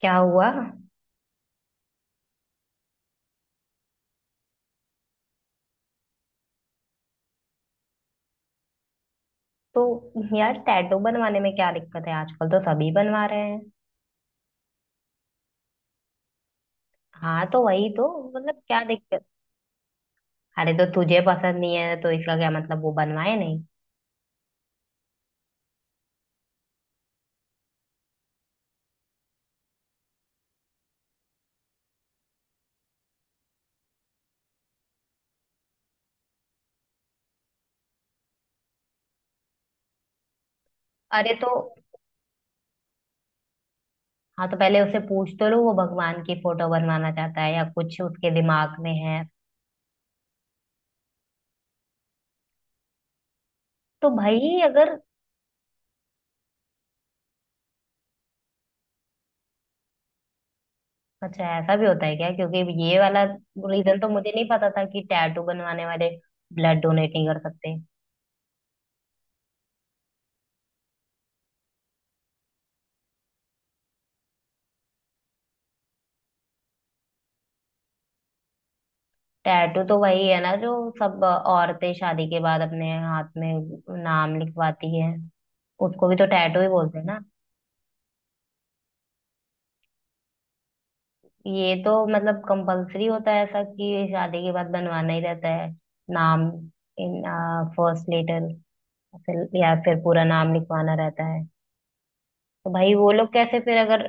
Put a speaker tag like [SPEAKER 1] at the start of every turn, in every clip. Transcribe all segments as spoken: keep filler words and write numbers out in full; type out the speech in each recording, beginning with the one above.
[SPEAKER 1] क्या हुआ? तो यार, टैटू बनवाने में क्या दिक्कत है? आजकल तो सभी बनवा रहे हैं। हाँ, तो वही तो, मतलब क्या दिक्कत? अरे तो तुझे पसंद नहीं है, तो इसका क्या मतलब वो बनवाए नहीं? अरे तो। हाँ, तो पहले उसे पूछ तो लो, वो भगवान की फोटो बनवाना चाहता है या कुछ उसके दिमाग में है। तो भाई अगर। अच्छा, ऐसा भी होता है क्या? क्योंकि ये वाला रीजन तो मुझे नहीं पता था कि टैटू बनवाने वाले ब्लड डोनेट नहीं कर सकते। टैटू तो वही है ना जो सब औरतें शादी के बाद अपने हाथ में नाम लिखवाती है, उसको भी तो टैटू ही बोलते हैं ना? ये तो मतलब कंपलसरी होता है ऐसा कि शादी के बाद बनवाना ही रहता है, नाम इन फर्स्ट लेटर, फिर या फिर पूरा नाम लिखवाना रहता है। तो भाई वो लोग कैसे फिर अगर।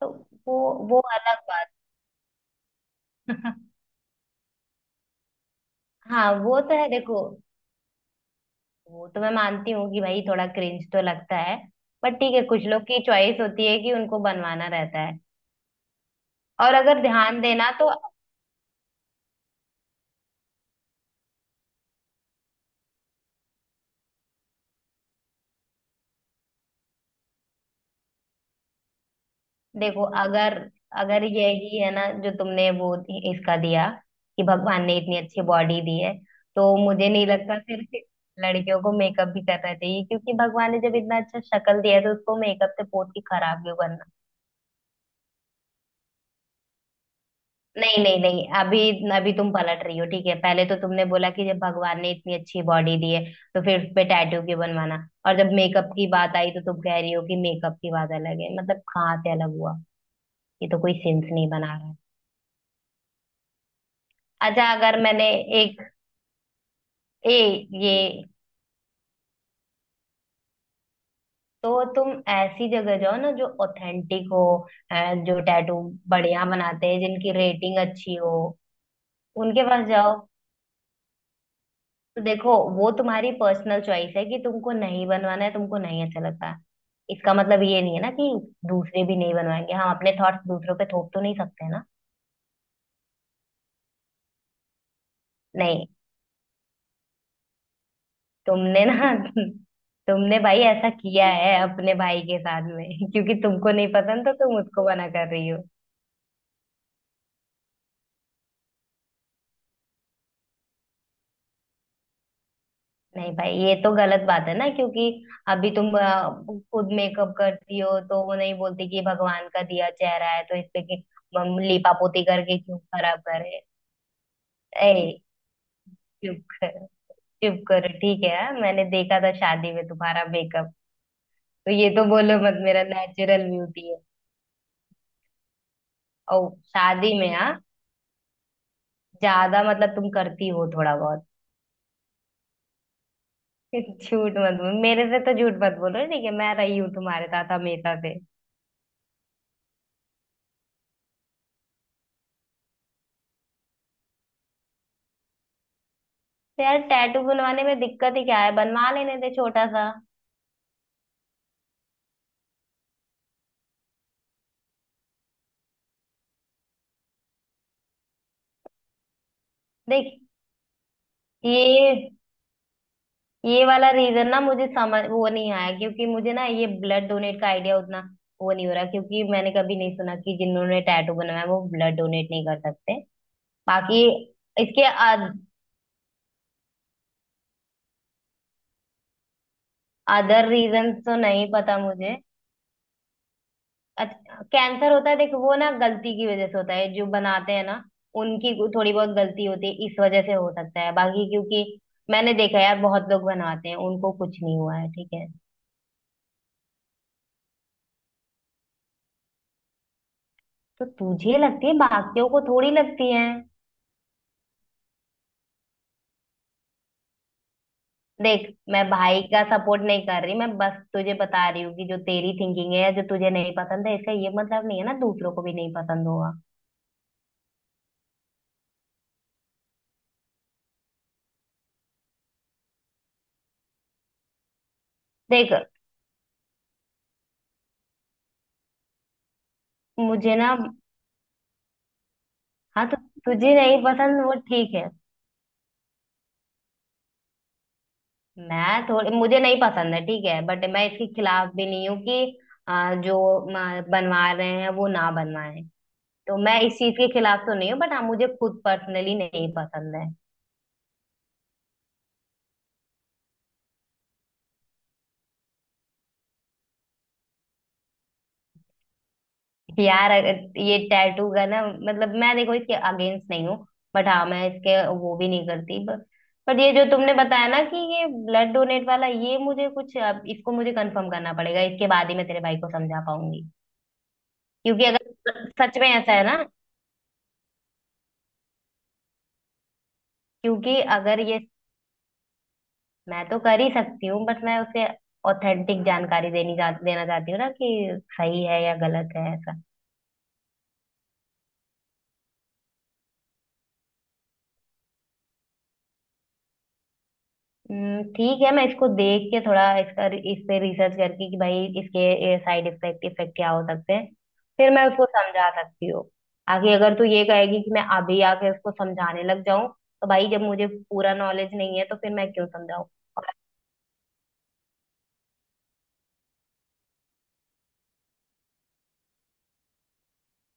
[SPEAKER 1] तो वो वो अलग बात। हाँ, वो तो है देखो। वो तो मैं मानती हूँ कि भाई थोड़ा क्रिंज तो लगता है, बट ठीक है, कुछ लोग की चॉइस होती है कि उनको बनवाना रहता है। और अगर ध्यान देना तो। देखो अगर। अगर यही है ना जो तुमने वो इसका दिया कि भगवान ने इतनी अच्छी बॉडी दी है, तो मुझे नहीं लगता सिर्फ लड़कियों को मेकअप भी करना चाहिए, क्योंकि भगवान ने जब इतना अच्छा शक्ल दिया है तो उसको मेकअप से पोत के खराब क्यों करना। नहीं नहीं नहीं, अभी अभी तुम पलट रही हो। ठीक है, पहले तो तुमने बोला कि जब भगवान ने इतनी अच्छी बॉडी दी है तो फिर उस पे टैटू क्यों बनवाना, और जब मेकअप की बात आई तो तुम कह रही हो कि मेकअप की बात अलग है, मतलब कहाँ से अलग हुआ? ये तो कोई सेंस नहीं बना रहा है। अच्छा, अगर मैंने एक ए ये तो तुम ऐसी जगह जाओ ना जो ऑथेंटिक हो, अ, जो टैटू बढ़िया बनाते हैं, जिनकी रेटिंग अच्छी हो, उनके पास जाओ। तो देखो वो तुम्हारी पर्सनल चॉइस है कि तुमको नहीं बनवाना है, तुमको नहीं अच्छा लगता। इसका मतलब ये नहीं है ना कि दूसरे भी नहीं बनवाएंगे। हम अपने थॉट्स दूसरों पे थोप तो नहीं सकते ना। नहीं, तुमने ना। तुमने भाई ऐसा किया है अपने भाई के साथ में क्योंकि तुमको नहीं पसंद तो तुम उसको मना कर रही हो। नहीं भाई, ये तो गलत बात है ना, क्योंकि अभी तुम अ, खुद मेकअप करती हो, तो वो नहीं बोलती कि भगवान का दिया चेहरा है तो इस पे कि- हम लीपापोती करके क्यों खराब करे। ए, चुप करो, चुप करो, ठीक है हाँ? मैंने देखा था शादी में तुम्हारा मेकअप, तो ये तो बोलो मत मेरा नेचुरल ब्यूटी है। और शादी में, हाँ, ज्यादा मतलब तुम करती हो थोड़ा बहुत। झूठ मत बोलो, मेरे से तो झूठ मत बोलो, ठीक है? मैं रही हूँ तुम्हारे साथ हमेशा से। तो यार, टैटू बनवाने में दिक्कत ही क्या है? बनवा लेने दे छोटा सा। देख, ये ये वाला रीजन ना मुझे समझ वो नहीं आया, क्योंकि मुझे ना ये ब्लड डोनेट का आइडिया उतना वो नहीं हो रहा, क्योंकि मैंने कभी नहीं सुना कि जिन्होंने टैटू बनवाया वो ब्लड डोनेट नहीं कर सकते। बाकी इसके अदर रीजन तो नहीं पता मुझे। अच्छा, कैंसर होता है, देखो वो ना गलती की वजह से होता है जो बनाते हैं ना, उनकी को- थोड़ी बहुत गलती होती है, इस वजह से हो सकता है, बाकी क्योंकि मैंने देखा है यार बहुत लोग बनाते हैं उनको कुछ नहीं हुआ है ठीक है। तो तुझे लगती है, बाकियों को थोड़ी लगती है। देख, मैं भाई का सपोर्ट नहीं कर रही, मैं बस तुझे बता रही हूँ कि जो तेरी थिंकिंग है, जो तुझे नहीं पसंद है, इसका ये मतलब नहीं है ना दूसरों को भी नहीं पसंद होगा। देख, मुझे ना, हाँ, तो तुझे नहीं पसंद वो ठीक है। मैं थोड़ी, मुझे नहीं पसंद है, ठीक है, बट मैं इसके खिलाफ भी नहीं हूँ कि आ, जो म, बनवा रहे हैं वो ना बनवाएं। तो मैं इस चीज के खिलाफ तो नहीं हूँ, बट हाँ, मुझे खुद पर्सनली नहीं पसंद है। यार, अगर ये टैटू का, ना मतलब मैं देखो इसके अगेंस्ट नहीं हूँ, बट हाँ मैं इसके वो भी नहीं करती, बट पर ये जो तुमने बताया ना कि ये ब्लड डोनेट वाला, ये मुझे कुछ, अब इसको मुझे कंफर्म करना पड़ेगा, इसके बाद ही मैं तेरे भाई को समझा पाऊंगी। क्योंकि अगर सच में ऐसा है ना, क्योंकि अगर ये, मैं तो कर ही सकती हूँ, बट मैं उसे ऑथेंटिक जानकारी देनी चाह देना चाहती हूँ ना कि सही है या गलत है ऐसा। हम्म, ठीक है, मैं इसको देख के थोड़ा इसका, इस पे रिसर्च करके कि भाई इसके साइड इफेक्ट इफेक्ट क्या हो सकते हैं, फिर मैं उसको समझा सकती हूँ आगे। अगर तू ये कहेगी कि मैं अभी आके उसको समझाने लग जाऊं, तो भाई जब मुझे पूरा नॉलेज नहीं है तो फिर मैं क्यों समझाऊं? और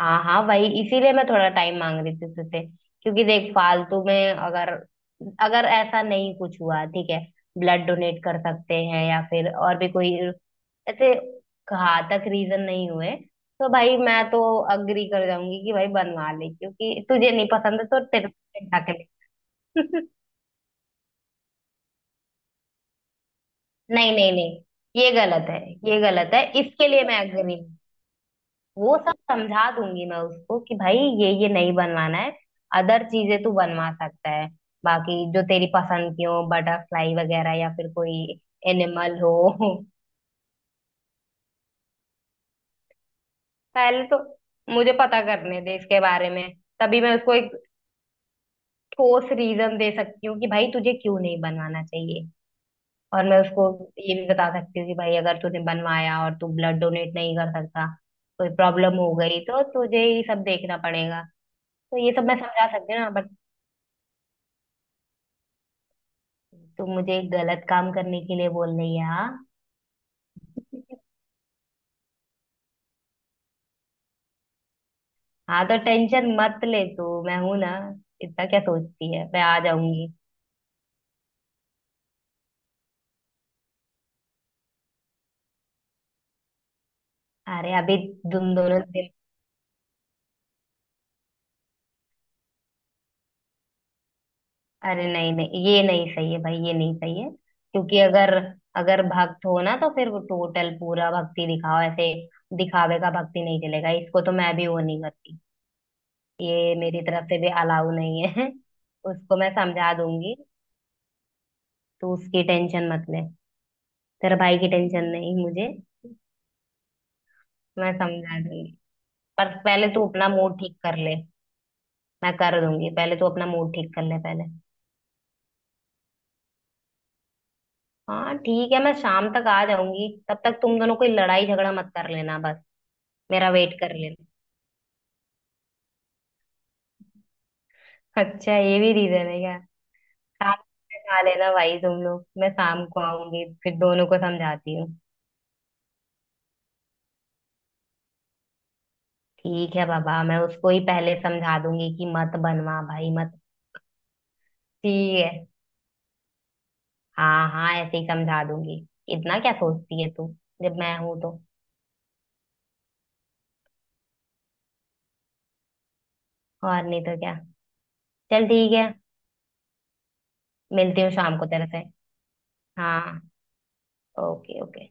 [SPEAKER 1] हाँ हाँ, वही इसीलिए मैं थोड़ा टाइम मांग रही थी तुझसे, क्योंकि देख फालतू में अगर, अगर ऐसा नहीं कुछ हुआ, ठीक है, ब्लड डोनेट कर सकते हैं, या फिर और भी कोई ऐसे घातक रीजन नहीं हुए, तो भाई मैं तो अग्री कर जाऊंगी कि भाई बनवा ले, क्योंकि तुझे नहीं पसंद है तो तेरे को हटा के ले। नहीं नहीं नहीं, ये गलत है, ये गलत है, इसके लिए मैं अग्री हूँ। वो सब समझा दूंगी मैं उसको कि भाई ये ये नहीं बनवाना है। अदर चीजें तू बनवा सकता है, बाकी जो तेरी पसंद की हो, बटरफ्लाई वगैरह, या फिर कोई एनिमल हो। पहले तो मुझे पता करने दे इसके बारे में, तभी मैं उसको एक कोस रीज़न दे सकती हूँ कि भाई तुझे क्यों नहीं बनवाना चाहिए। और मैं उसको ये भी बता सकती हूँ कि भाई अगर तूने बनवाया और तू ब्लड डोनेट नहीं कर सका, कोई प्रॉब्लम हो गई, तो तुझे ही सब देखना पड़ेगा। तो ये सब मैं समझा सकती हूँ ना, बट तू मुझे गलत काम करने के लिए बोल नहीं यार, हाँ। हाँ, तो ट अरे नहीं नहीं, ये नहीं सही है भाई, ये नहीं सही है, क्योंकि अगर अगर भक्त हो ना तो फिर वो टोटल पूरा भक्ति दिखाओ। ऐसे दिखावे का भक्ति नहीं चलेगा, इसको तो मैं भी वो नहीं करती। ये मेरी तरफ से भी अलाउ नहीं है। उसको मैं समझा दूंगी, तू उसकी टेंशन मत ले। तेरे भाई की टेंशन नहीं मुझे, मैं समझा दूंगी। पर पहले तू अपना मूड ठीक कर ले। मैं कर दूंगी, पहले तू अपना मूड ठीक कर ले पहले। हाँ, ठीक है, मैं शाम तक आ जाऊंगी, तब तक तुम दोनों कोई लड़ाई झगड़ा मत कर लेना बस। मेरा वेट कर लेना। अच्छा, ये भी रीजन है क्या? शाम में खा लेना भाई तुम लोग, मैं शाम को आऊंगी, फिर दोनों को समझाती हूँ। ठीक है बाबा, मैं उसको ही पहले समझा दूंगी कि मत बनवा भाई मत। ठीक है, हाँ हाँ, ऐसे ही समझा दूंगी। इतना क्या सोचती है तू जब मैं हूं तो। और नहीं तो क्या। चल ठीक है। मिलती हूँ शाम को तेरे से। हाँ, ओके ओके।